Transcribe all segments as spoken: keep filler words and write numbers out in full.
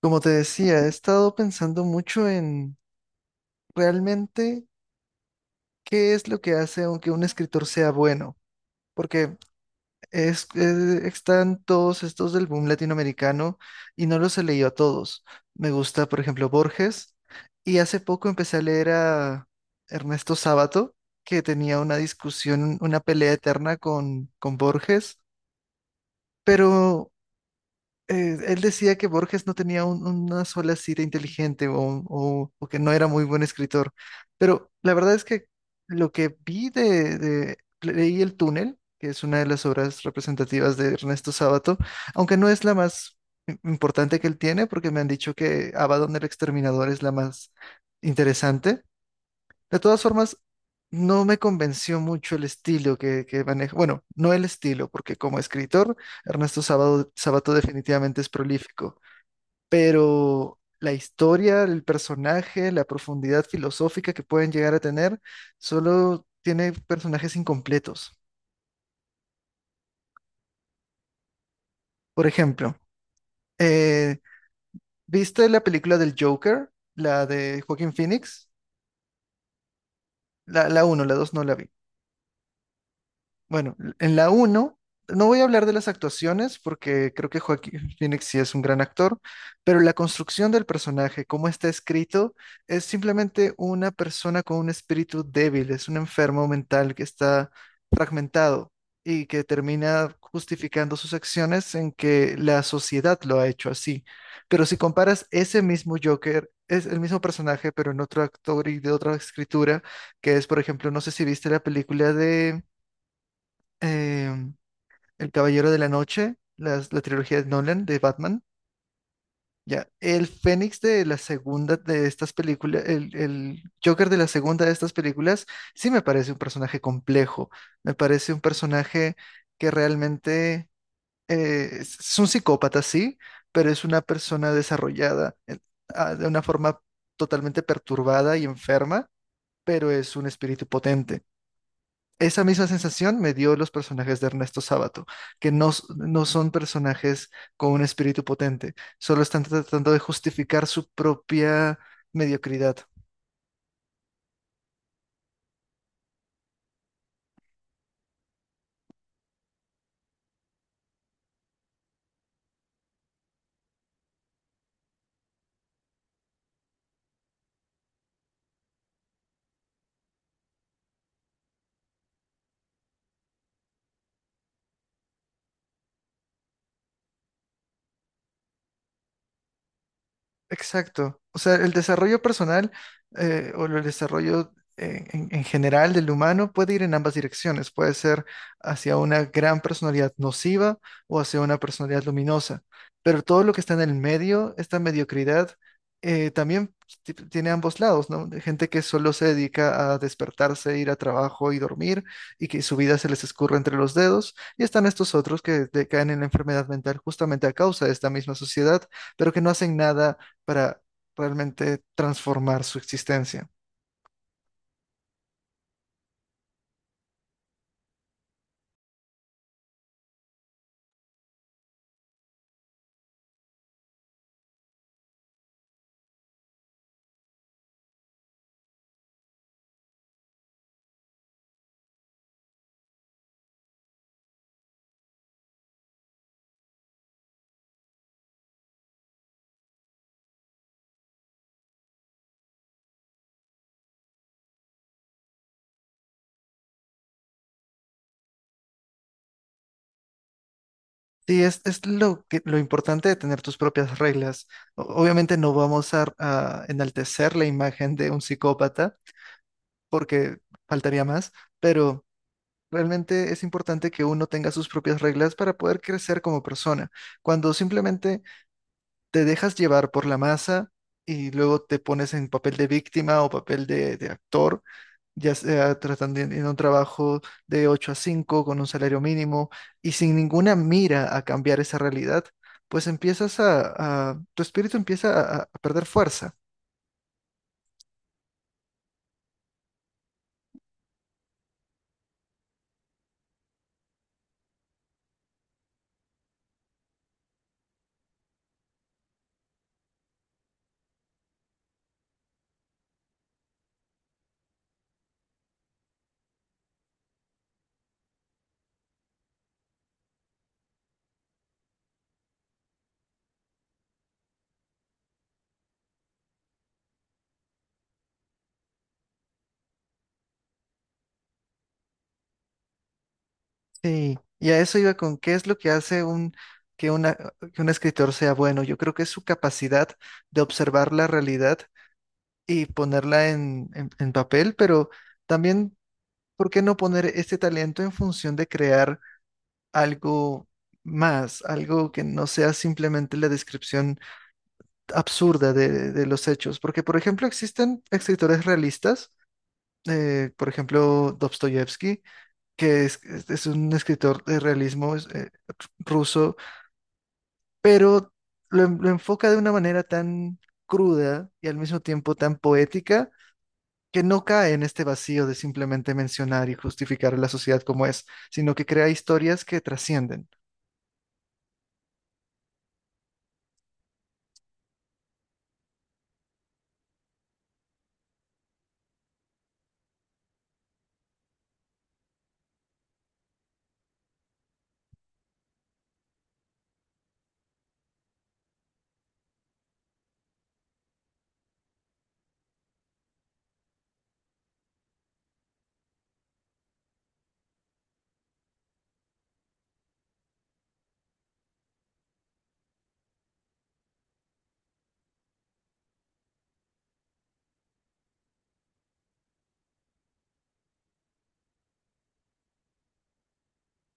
Como te decía, he estado pensando mucho en realmente qué es lo que hace aunque un escritor sea bueno, porque es, eh, están todos estos del boom latinoamericano y no los he leído a todos. Me gusta, por ejemplo, Borges, y hace poco empecé a leer a Ernesto Sábato, que tenía una discusión, una pelea eterna con, con Borges, pero eh, él decía que Borges no tenía un- una sola cita inteligente o, o- o que no era muy buen escritor, pero la verdad es que lo que vi de, de- leí El túnel, que es una de las obras representativas de Ernesto Sábato, aunque no es la más im- importante que él tiene, porque me han dicho que Abaddon el Exterminador es la más interesante. De todas formas, no me convenció mucho el estilo que, que maneja. Bueno, no el estilo, porque como escritor, Ernesto Sábado- Sabato definitivamente es prolífico, pero la historia, el personaje, la profundidad filosófica que pueden llegar a tener, solo tiene personajes incompletos. Por ejemplo, eh, ¿viste la película del Joker? La de Joaquín Phoenix. La, la una, la dos no la vi. Bueno, en la uno no voy a hablar de las actuaciones porque creo que Joaquín Phoenix sí es un gran actor, pero la construcción del personaje, cómo está escrito, es simplemente una persona con un espíritu débil, es un enfermo mental que está fragmentado y que termina justificando sus acciones en que la sociedad lo ha hecho así. Pero si comparas ese mismo Joker, es el mismo personaje, pero en otro actor y de otra escritura, que es, por ejemplo, no sé si viste la película de em, El Caballero de la Noche, las- la trilogía de Nolan de Batman, ya, el Fénix de la segunda de estas películas, el, el Joker de la segunda de estas películas, sí me parece un personaje complejo, me parece un personaje que realmente eh, es es un psicópata, sí, pero es una persona desarrollada eh, ah, de una forma totalmente perturbada y enferma, pero es un espíritu potente. Esa misma sensación me dio los personajes de Ernesto Sábato, que no, s- no son personajes con un espíritu potente, solo están tratando de justificar su propia mediocridad. Exacto. O sea, el desarrollo personal eh, o el desarrollo eh, en, en general del humano puede ir en ambas direcciones. Puede ser hacia una gran personalidad nociva o hacia una personalidad luminosa. Pero todo lo que está en el medio, esta mediocridad, eh, también ti- tiene ambos lados, ¿no? De gente que solo se dedica a despertarse, ir a trabajo y dormir y que su vida se les escurre entre los dedos. Y están estos otros que decaen en la enfermedad mental justamente a causa de esta misma sociedad, pero que no hacen nada para realmente transformar su existencia. Sí, es, es lo que, lo importante de tener tus propias reglas. O- Obviamente no vamos a, a enaltecer la imagen de un psicópata porque faltaría más, pero realmente es importante que uno tenga sus propias reglas para poder crecer como persona. Cuando simplemente te dejas llevar por la masa y luego te pones en papel de víctima o papel de, de actor, ya sea tratando en en un trabajo de ocho a cinco con un salario mínimo y sin ninguna mira a cambiar esa realidad, pues empiezas a, a- tu espíritu empieza a, a perder fuerza. Sí, y a eso iba con qué es lo que hace un, que una, que un escritor sea bueno. Yo creo que es su capacidad de observar la realidad y ponerla en, en en papel, pero también, ¿por qué no poner este talento en función de crear? Algo más, algo que no sea simplemente la descripción absurda de, de los hechos. Porque, por ejemplo, existen escritores realistas, eh, por ejemplo, Dostoyevsky, que es, es- es un escritor de realismo es, eh, ruso, pero lo, en- lo enfoca de una manera tan cruda y al mismo tiempo tan poética, que no cae en este vacío de simplemente mencionar y justificar a la sociedad como es, sino que crea historias que trascienden.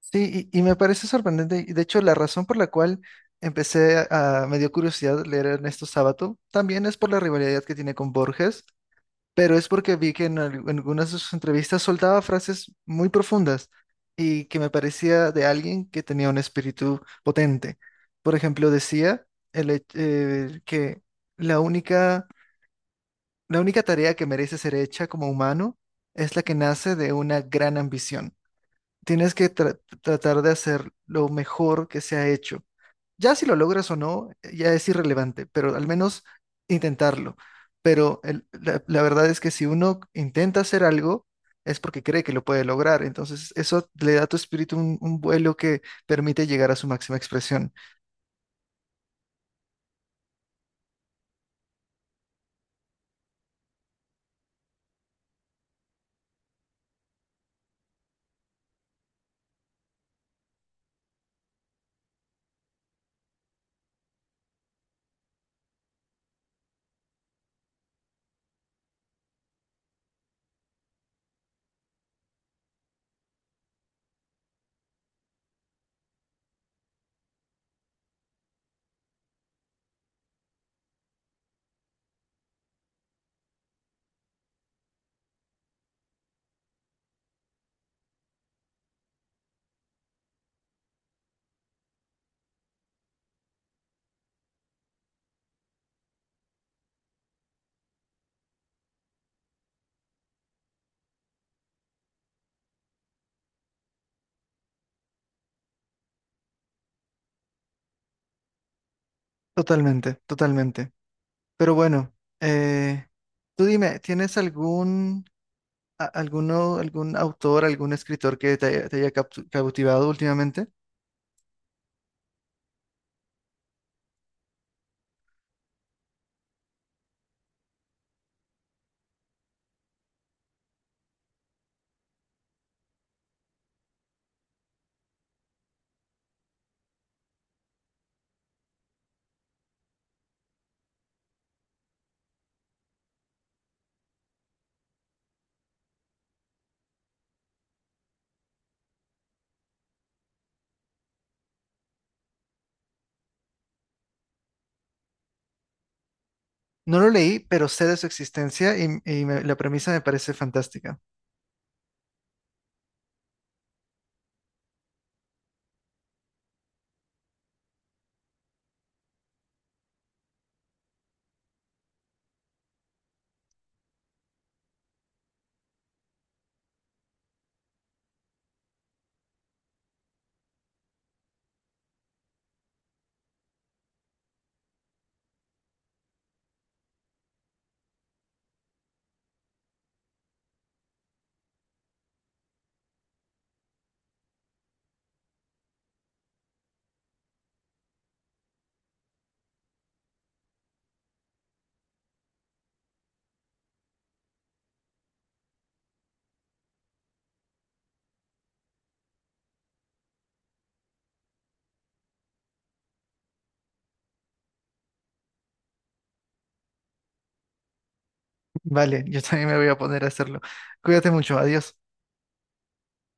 Sí, y, y me parece sorprendente. Y de hecho, la razón por la cual empecé a, me dio curiosidad leer a Ernesto Sábato también es por la rivalidad que tiene con Borges, pero es porque vi que en, al- en algunas de sus entrevistas soltaba frases muy profundas y que me parecía de alguien que tenía un espíritu potente. Por ejemplo, decía el he- eh, que la única, la única tarea que merece ser hecha como humano es la que nace de una gran ambición. Tienes que tra- tratar de hacer lo mejor que se ha hecho. Ya si lo logras o no, ya es irrelevante, pero al menos intentarlo. Pero el- la, la verdad es que si uno intenta hacer algo, es porque cree que lo puede lograr. Entonces eso le da a tu espíritu un, un vuelo que permite llegar a su máxima expresión. Totalmente, totalmente. Pero bueno, eh, tú dime, ¿tienes algún, a- alguno, algún autor, algún escritor que te haya, te haya captu- cautivado últimamente? No lo leí, pero sé de su existencia y, y me- la premisa me parece fantástica. Vale, yo también me voy a poner a hacerlo. Cuídate mucho, adiós.